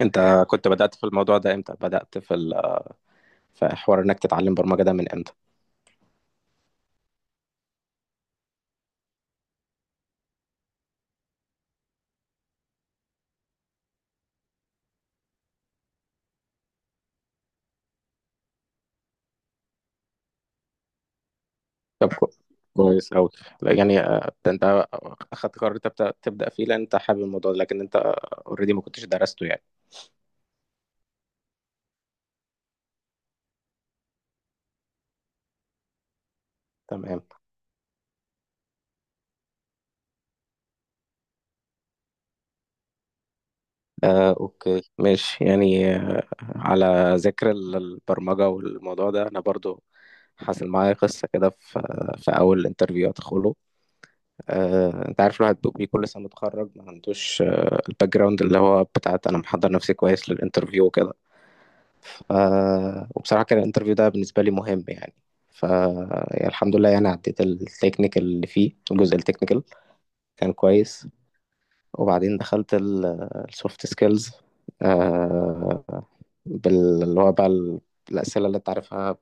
انت كنت بدأت في الموضوع ده امتى؟ بدأت في في حوار انك تتعلم برمجة ده من امتى؟ طب كويس أوي، يعني آه، ده انت اخدت قرار تبدأ فيه لان انت حابب الموضوع ده، لكن انت اوريدي ما كنتش درسته يعني. تمام. آه اوكي ماشي، يعني على ذكر البرمجة والموضوع ده، انا برضو حصل معايا قصة كده في في اول انترفيو ادخله. انت عارف الواحد بيبقى كل سنه متخرج ما عندوش الباك جراوند، اللي هو بتاعت انا محضر نفسي كويس للانترفيو وكده. ف... وبصراحة كان الانترفيو ده بالنسبة لي مهم يعني. ف يعني الحمد لله يعني عديت التكنيكال، اللي فيه الجزء التكنيكال كان كويس. وبعدين دخلت السوفت سكيلز، آه، اللي هو بقى الأسئلة اللي أنت عارفها،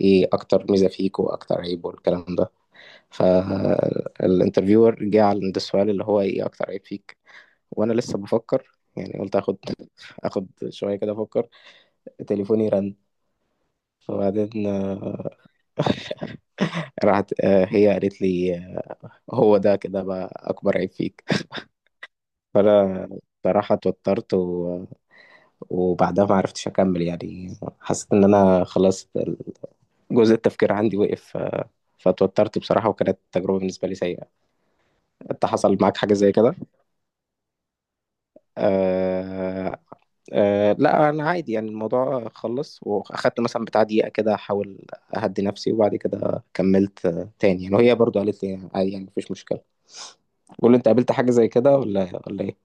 إيه أكتر ميزة فيك وأكتر عيب والكلام ده. فالانترفيور جه عند السؤال اللي هو إيه أكتر عيب فيك، وأنا لسه بفكر. يعني قلت آخد شوية كده أفكر. تليفوني رن، فبعدين راحت. هي قالت لي آه، هو ده كده بقى أكبر عيب فيك. فأنا صراحة اتوترت وبعدها ما عرفتش أكمل، يعني حسيت إن أنا خلاص جزء التفكير عندي وقف فاتوترت بصراحة، وكانت تجربة بالنسبة لي سيئة. أنت حصل معاك حاجة زي كده؟ آه، أه لا انا عادي يعني، الموضوع خلص واخدت مثلا بتاع دقيقه كده احاول اهدي نفسي، وبعد كده كملت تاني يعني، وهي برضو قالت لي عادي يعني مفيش مشكله. قول لي انت، قابلت حاجه زي كده ولا ايه؟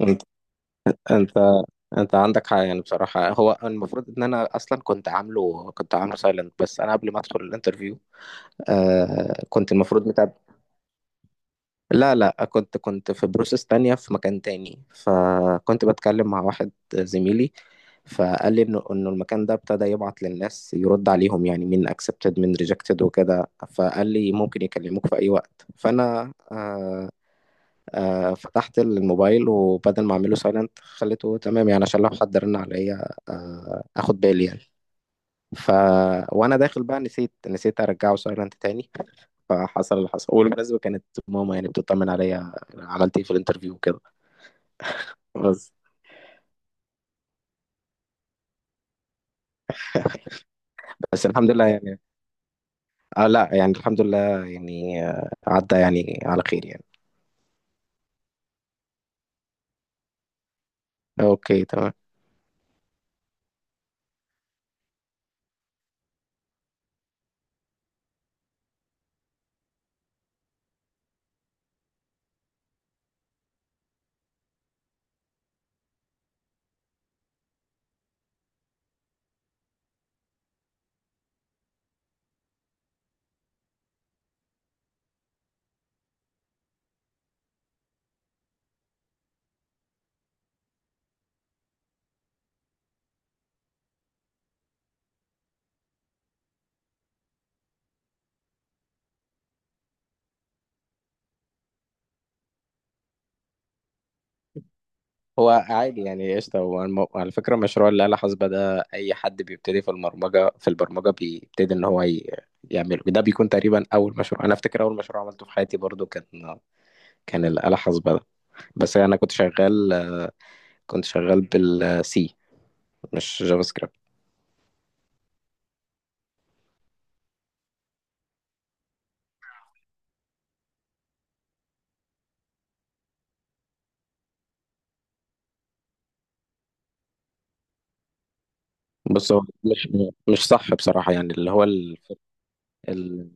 انت انت انت عندك حق يعني، بصراحه هو المفروض ان انا اصلا كنت عامله، كنت عامله سايلنت، بس انا قبل ما ادخل الانترفيو آه كنت المفروض متابع. لا كنت في بروسس تانية في مكان تاني، فكنت بتكلم مع واحد زميلي، فقال لي انه المكان ده ابتدى يبعت للناس يرد عليهم، يعني مين اكسبتد مين ريجكتد وكده، فقال لي ممكن يكلموك في اي وقت، فانا آه آه فتحت الموبايل، وبدل ما اعمله سايلنت خليته تمام يعني، عشان لو حد رن عليا آه اخد بالي يعني. ف وانا داخل بقى نسيت ارجعه سايلنت تاني. فحصل اللي حصل، والمناسبة كانت ماما يعني بتطمن عليا أنا عملت ايه في الانترفيو وكده. بس بس الحمد لله يعني. آه لا يعني الحمد لله يعني، آه، عدى يعني على خير يعني. اوكي تمام. هو عادي يعني، قشطة، هو على فكرة مشروع الآلة حاسبة ده أي حد بيبتدي في البرمجة بيبتدي إن هو يعمله، ده بيكون تقريبا أول مشروع. أنا أفتكر أول مشروع عملته في حياتي برضو كان الآلة حاسبة ده، بس أنا كنت شغال بالسي، مش جافا سكريبت. بص، هو مش صح بصراحة، يعني ال...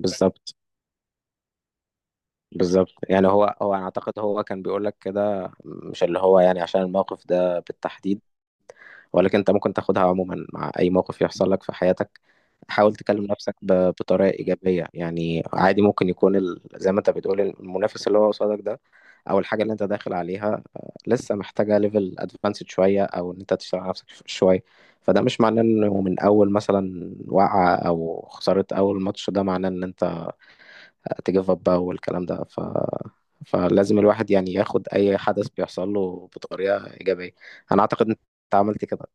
بالظبط. بالظبط يعني، هو أنا أعتقد هو كان بيقول لك كده، مش اللي هو يعني عشان الموقف ده بالتحديد، ولكن انت ممكن تاخدها عموما مع اي موقف يحصل لك في حياتك. حاول تكلم نفسك بطريقه ايجابيه يعني، عادي ممكن يكون زي ما انت بتقول، المنافس اللي هو قصادك ده، او الحاجه اللي انت داخل عليها آه، لسه محتاجه ليفل ادفانسد شويه، او ان انت تشتغل على نفسك شويه. فده مش معناه انه من اول مثلا وقعه او خساره اول ماتش، ده معناه ان انت تجيف اب بقى والكلام ده. ف فلازم الواحد يعني ياخد اي حدث بيحصل له بطريقه ايجابيه. انا اعتقد انت عملت كده.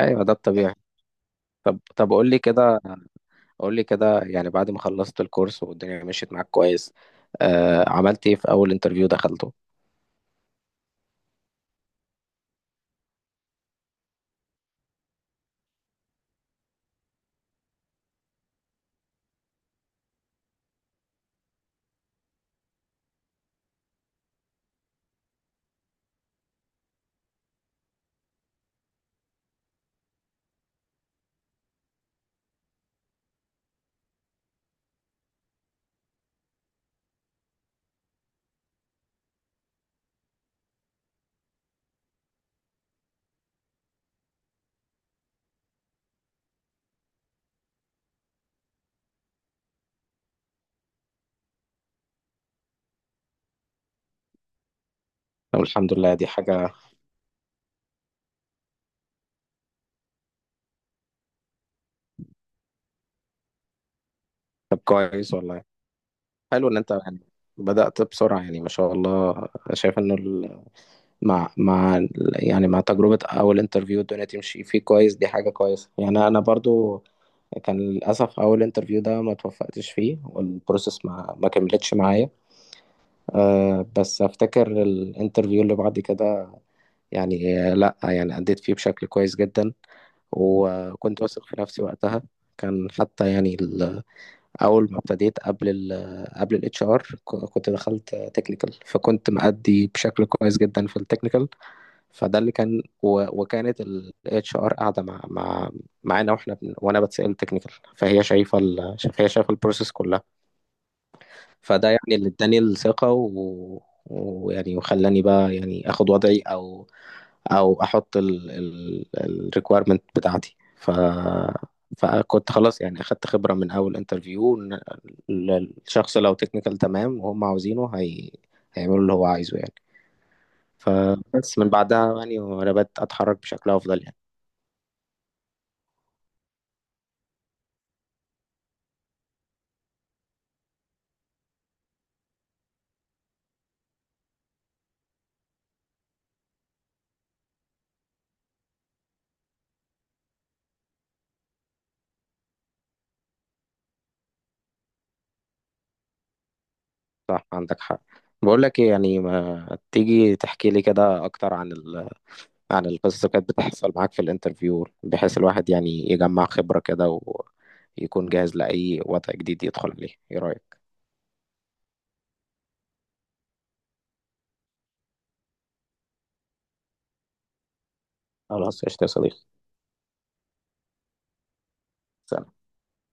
ايوه، ده الطبيعي. طب قول لي كده، يعني بعد ما خلصت الكورس والدنيا مشيت معاك كويس آه، عملت ايه في اول انترفيو دخلته؟ طب الحمد لله، دي حاجة. طب كويس والله. حلو ان انت يعني بدأت بسرعة يعني ما شاء الله. شايف انه مع يعني مع تجربة اول انترفيو الدنيا تمشي فيه كويس، دي حاجة كويسة. يعني انا برضو كان للأسف أول انترفيو ده ما توفقتش فيه، والبروسيس ما كملتش معايا. أه بس أفتكر الانترفيو اللي بعد كده، يعني لا يعني أديت فيه بشكل كويس جدا، وكنت واثق في نفسي وقتها. كان حتى يعني أول ما ابتديت قبل قبل الاتش ار كنت دخلت تكنيكال، فكنت مأدي بشكل كويس جدا في التكنيكال. فده اللي كان، وكانت الاتش ار قاعدة مع معانا، واحنا وانا بتسأل تكنيكال، فهي شايفة هي شايفة البروسيس كلها. فده يعني اللي اداني الثقة ويعني وخلاني بقى يعني اخد وضعي او او احط ال ال الريكويرمنت بتاعتي. ف فكنت خلاص يعني اخدت خبرة من اول انترفيو ان الشخص لو تكنيكال تمام وهم عاوزينه هيعملوا اللي هو عايزه يعني. فبس من بعدها يعني وانا بدأت اتحرك بشكل افضل يعني. صح، عندك حق. بقول لك ايه، يعني ما تيجي تحكي لي كده اكتر عن عن القصص اللي كانت بتحصل معاك في الانترفيو، بحيث الواحد يعني يجمع خبرة كده، ويكون جاهز لأي وضع جديد يدخل عليه، ايه رأيك؟ خلاص قشطة يا صديقي. سلام.